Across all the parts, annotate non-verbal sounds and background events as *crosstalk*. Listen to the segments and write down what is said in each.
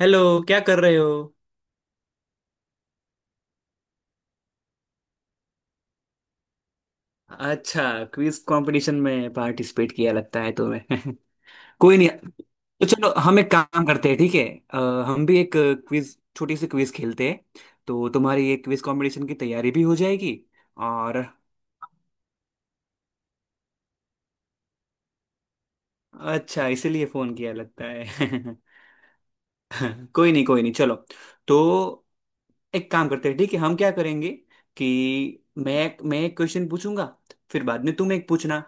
Hello. क्या कर रहे हो? अच्छा, क्विज कंपटीशन में पार्टिसिपेट किया लगता है तुम्हें। *laughs* कोई नहीं, तो चलो हम एक काम करते हैं, ठीक है। हम भी एक क्विज, छोटी सी क्विज खेलते हैं, तो तुम्हारी ये क्विज कंपटीशन की तैयारी भी हो जाएगी और अच्छा, इसीलिए फोन किया लगता है। *laughs* कोई नहीं कोई नहीं, चलो। तो एक काम करते हैं, ठीक है, हम क्या करेंगे कि मैं एक क्वेश्चन पूछूंगा, फिर बाद में तुम एक पूछना।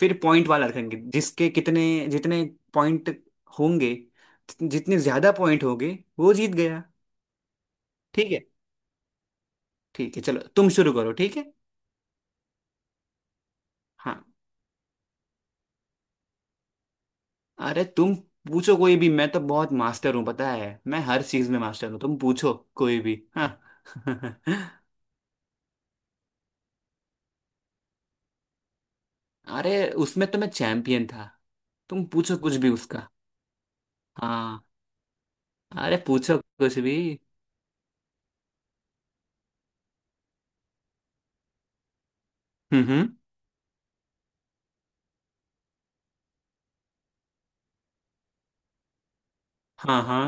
फिर पॉइंट वाला रखेंगे, जिसके कितने, जितने पॉइंट होंगे, जितने ज्यादा पॉइंट होंगे वो जीत गया। ठीक है। ठीक है चलो, तुम शुरू करो, ठीक है। हाँ, अरे तुम पूछो कोई भी, मैं तो बहुत मास्टर हूँ, पता है मैं हर चीज में मास्टर हूँ। तुम पूछो कोई भी, हाँ। *laughs* अरे उसमें तो मैं चैंपियन था, तुम पूछो कुछ भी उसका। हाँ, अरे पूछो कुछ भी। हम्म। हाँ हाँ।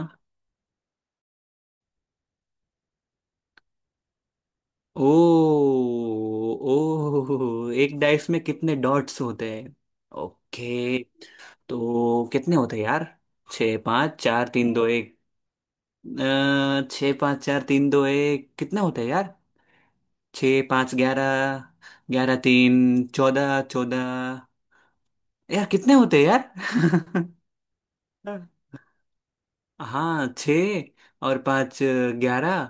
ओ, ओ एक डाइस में कितने डॉट्स होते हैं। ओके, तो कितने होते हैं यार? छः पाँच चार तीन दो एक। छः पाँच चार तीन दो एक, कितने होते हैं यार? छः पाँच ग्यारह, ग्यारह तीन चौदह चौदह, यार कितने होते हैं यार? *laughs* हाँ, छः और पाँच ग्यारह,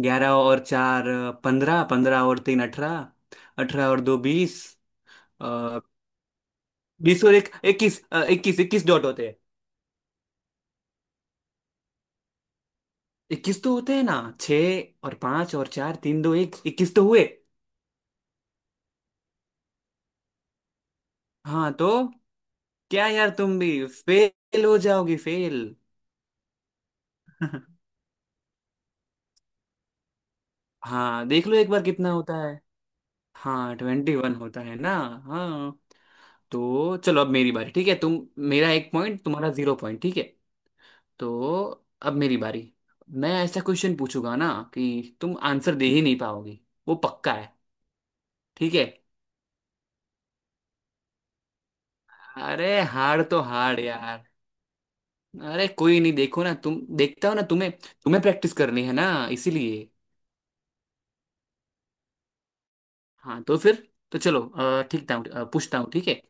ग्यारह और चार पंद्रह, पंद्रह और तीन अठारह, अठारह और दो बीस, बीस और एक इक्कीस। इक्कीस डॉट होते हैं। इक्कीस तो होते हैं ना, छः और पाँच और चार तीन दो एक, इक्कीस तो हुए। हाँ तो, क्या यार तुम भी फेल हो जाओगी, फेल। *laughs* हाँ देख लो एक बार कितना होता है। हाँ, ट्वेंटी वन होता है ना। हाँ, तो चलो अब मेरी बारी, ठीक है तुम। मेरा एक पॉइंट, तुम्हारा जीरो पॉइंट, ठीक है। तो अब मेरी बारी, मैं ऐसा क्वेश्चन पूछूंगा ना कि तुम आंसर दे ही नहीं पाओगी, वो पक्का है। ठीक है, अरे हार तो हार यार। अरे कोई नहीं, देखो ना तुम, देखता हो ना तुम्हें, तुम्हें प्रैक्टिस करनी है ना, इसीलिए। हाँ तो फिर, तो चलो ठीक था, पूछता हूँ ठीक है।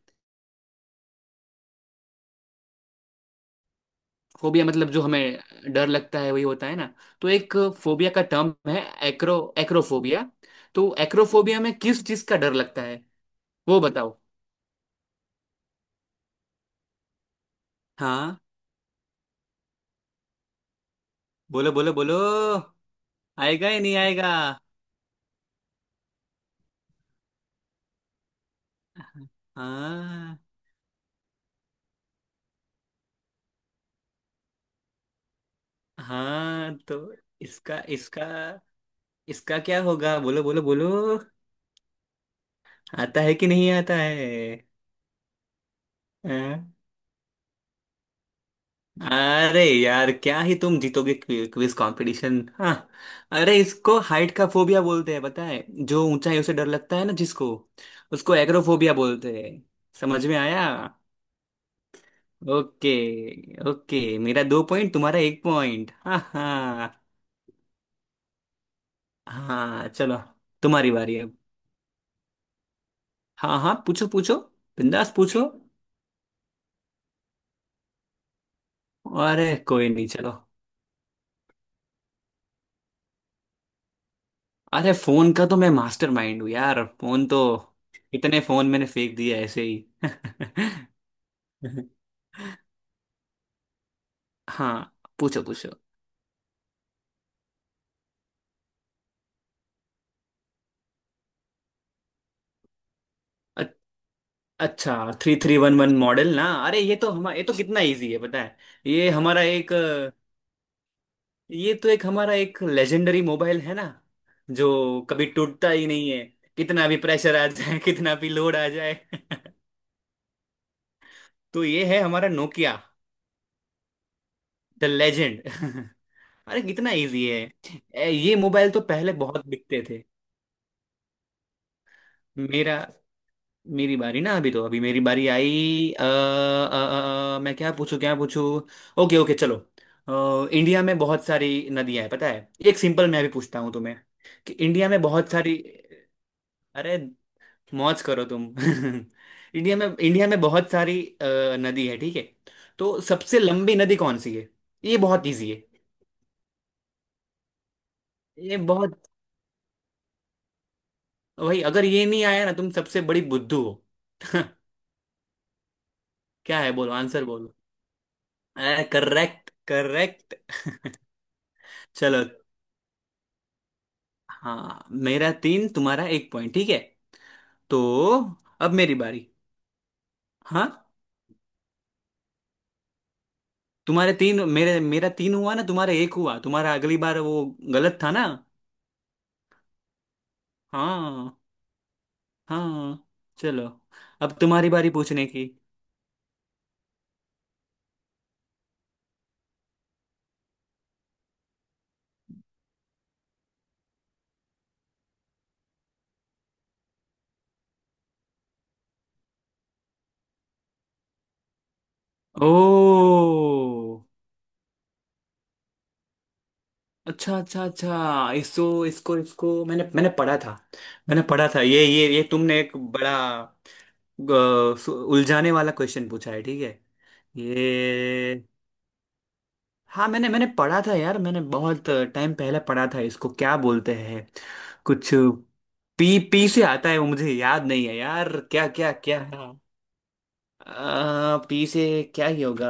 फोबिया मतलब जो हमें डर लगता है वही होता है ना, तो एक फोबिया का टर्म है, एक्रो एक्रोफोबिया। तो एक्रोफोबिया में किस चीज का डर लगता है, वो बताओ। हाँ बोलो बोलो बोलो, आएगा या नहीं आएगा? हाँ हाँ, तो इसका इसका इसका क्या होगा, बोलो बोलो बोलो, आता है कि नहीं आता है? हाँ? अरे यार, क्या ही तुम जीतोगे क्विज कंपटीशन, हाँ। अरे इसको हाइट का फोबिया बोलते हैं, पता है, जो ऊंचाइयों से डर लगता है ना जिसको, उसको एग्रोफोबिया बोलते हैं। समझ में आया। ओके, ओके मेरा दो पॉइंट, तुम्हारा एक पॉइंट, हाँ हाँ। हाँ चलो, तुम्हारी बारी अब। हाँ हाँ पूछो पूछो, बिंदास पूछो। अरे कोई नहीं चलो, अरे फोन का तो मैं मास्टर माइंड हूँ यार, फोन तो इतने फोन मैंने फेंक दिया ऐसे ही। *laughs* हाँ पूछो पूछो। अ- अच्छा three three one one model ना, अरे ये तो हमारा, ये तो कितना इजी है पता है। ये हमारा एक ये तो एक हमारा एक लेजेंडरी मोबाइल है ना, जो कभी टूटता ही नहीं है। कितना भी प्रेशर आ जाए *laughs* कितना भी लोड आ जाए। *laughs* तो ये है हमारा नोकिया, द लेजेंड। *laughs* अरे कितना इजी है। ये मोबाइल तो पहले बहुत बिकते थे। मेरा मेरी बारी ना अभी तो, अभी मेरी बारी आई। मैं क्या पूछूं, क्या पूछूं? ओके ओके चलो, इंडिया में बहुत सारी नदियां हैं पता है। एक सिंपल मैं अभी पूछता हूँ तुम्हें कि इंडिया में बहुत सारी, अरे मौज करो तुम। *laughs* इंडिया में, इंडिया में बहुत सारी नदी है, ठीक है। तो सबसे लंबी नदी कौन सी है? ये बहुत इजी है, ये बहुत, तो भाई अगर ये नहीं आया ना तुम सबसे बड़ी बुद्धू हो। *laughs* क्या है, बोलो आंसर बोलो। Correct, correct. *laughs* चलो, हाँ मेरा तीन, तुम्हारा एक पॉइंट, ठीक है। तो अब मेरी बारी। हाँ, तुम्हारे तीन, मेरे मेरा तीन हुआ ना, तुम्हारा एक हुआ, तुम्हारा अगली बार, वो गलत था ना। हाँ। हाँ चलो, अब तुम्हारी बारी पूछने की। ओ, अच्छा अच्छा अच्छा, इसको इसको इसको मैंने मैंने पढ़ा था, मैंने पढ़ा था ये, तुमने एक बड़ा अ, उलझाने वाला क्वेश्चन पूछा है, ठीक है। ये हाँ मैंने, मैंने पढ़ा था यार, मैंने बहुत टाइम पहले पढ़ा था, इसको क्या बोलते हैं कुछ, पी पी से आता है, वो मुझे याद नहीं है यार, क्या क्या क्या है? आ, पी से क्या ही होगा,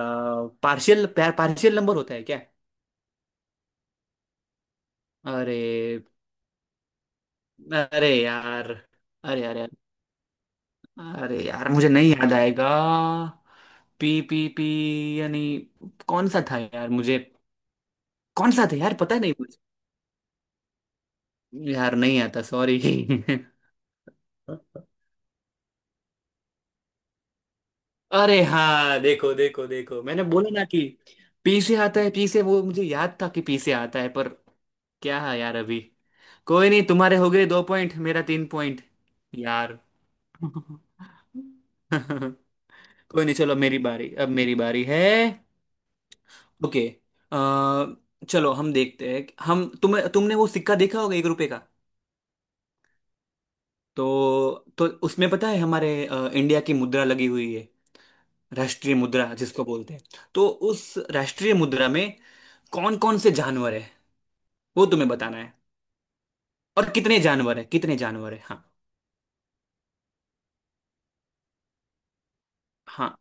पार्शियल पार्शियल नंबर होता है क्या? अरे, अरे यार, अरे अरे, अरे यार मुझे नहीं याद आएगा। पी पी पी यानी कौन सा था यार, मुझे कौन सा था यार, पता नहीं मुझे। यार नहीं आता, सॉरी। *laughs* अरे हाँ, देखो देखो देखो, मैंने बोला ना कि पी से आता है, पी से वो मुझे याद था कि पी से आता है, पर क्या है यार अभी। कोई नहीं, तुम्हारे हो गए दो पॉइंट, मेरा तीन पॉइंट। यार। *laughs* कोई नहीं चलो, मेरी बारी, अब मेरी बारी है। ओके, चलो हम देखते हैं, हम तुम, तुमने वो सिक्का देखा होगा एक रुपए का, तो उसमें पता है हमारे इंडिया की मुद्रा लगी हुई है, राष्ट्रीय मुद्रा जिसको बोलते हैं। तो उस राष्ट्रीय मुद्रा में कौन कौन से जानवर है, वो तुम्हें बताना है। और कितने जानवर है, कितने जानवर है, हाँ। हाँ।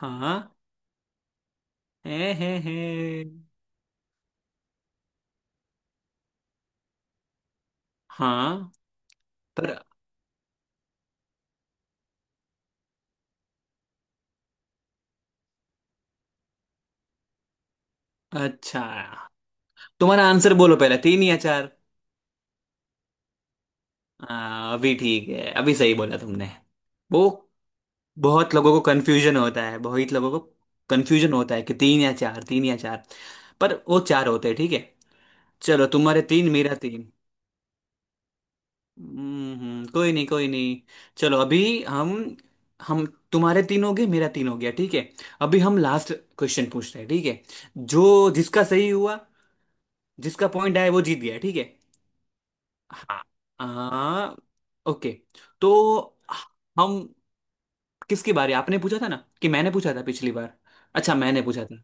हाँ, है। हाँ, पर अच्छा तुम्हारा आंसर बोलो पहले, तीन या चार। हाँ, अभी ठीक है, अभी सही बोला तुमने। वो, बहुत लोगों को कंफ्यूजन होता है, बहुत लोगों को कंफ्यूजन होता है कि तीन या चार, तीन या चार, पर वो चार होते हैं, ठीक है। चलो तुम्हारे तीन, मेरा तीन। कोई नहीं कोई नहीं। चलो अभी, हम हम तुम्हारे तीन हो गए, मेरा तीन हो गया, ठीक है। अभी हम लास्ट क्वेश्चन पूछते हैं, ठीक है, जो जिसका सही हुआ, जिसका पॉइंट आया वो जीत गया, ठीक है। हाँ, आ, ओके। तो हम किसकी बारी, आपने पूछा था ना कि मैंने पूछा था पिछली बार। अच्छा, मैंने पूछा था,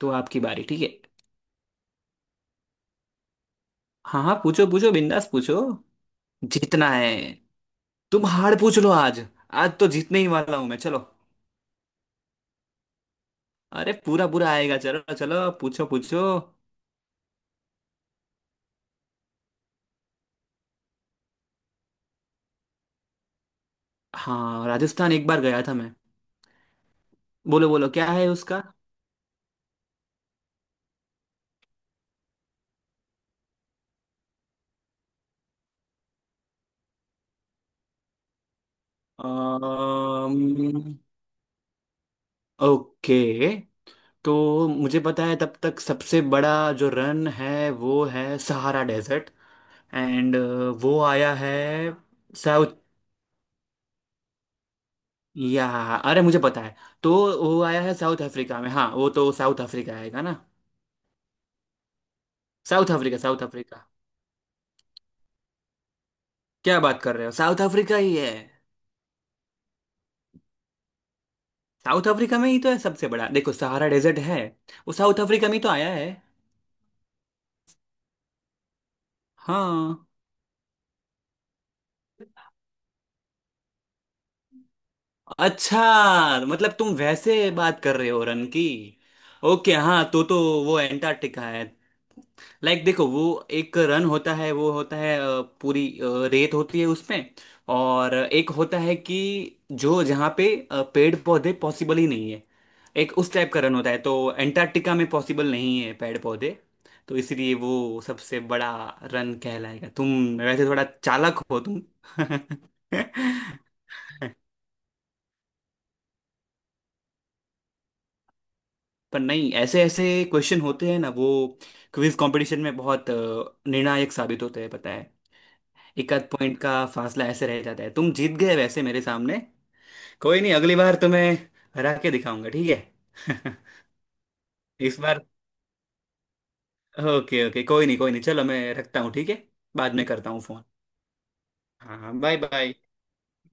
तो आपकी बारी, ठीक है। हाँ हाँ, पूछो पूछो, बिंदास पूछो। जीतना है, तुम हार पूछ लो आज, आज तो जीतने ही वाला हूं मैं, चलो। अरे पूरा पूरा आएगा, चलो चलो, पूछो पूछो। हाँ, राजस्थान एक बार गया था मैं। बोलो बोलो क्या है उसका? अम्म, ओके, तो मुझे पता है तब तक, सबसे बड़ा जो रन है वो है सहारा डेजर्ट। एंड वो आया है साउथ या, अरे मुझे पता है। तो वो आया है साउथ अफ्रीका में, हाँ वो तो साउथ अफ्रीका आएगा ना। साउथ अफ्रीका, साउथ अफ्रीका, क्या बात कर रहे हो, साउथ अफ्रीका ही है। साउथ अफ्रीका में ही तो है सबसे बड़ा, देखो सहारा डेजर्ट है, वो साउथ अफ्रीका में ही तो आया है। हाँ। अच्छा मतलब तुम वैसे बात कर रहे हो रन की, ओके। हाँ, वो एंटार्क्टिका है। लाइक like, देखो वो एक रन होता है वो होता है पूरी रेत होती है उसमें। और एक होता है कि जो जहाँ पे पेड़ पौधे पॉसिबल ही नहीं है, एक उस टाइप का रन होता है, तो एंटार्क्टिका में पॉसिबल नहीं है पेड़ पौधे, तो इसलिए वो सबसे बड़ा रन कहलाएगा। तुम वैसे थोड़ा चालाक हो तुम। *laughs* पर नहीं, ऐसे ऐसे क्वेश्चन होते हैं ना वो, क्विज कंपटीशन में बहुत निर्णायक साबित होते हैं पता है। एक आध पॉइंट का फासला ऐसे रह जाता है, तुम जीत गए वैसे मेरे सामने। कोई नहीं, अगली बार तुम्हें हरा के दिखाऊंगा, ठीक है। *laughs* इस बार ओके, ओके कोई नहीं कोई नहीं, चलो मैं रखता हूँ, ठीक है। बाद में करता हूँ फोन। हाँ बाय बाय।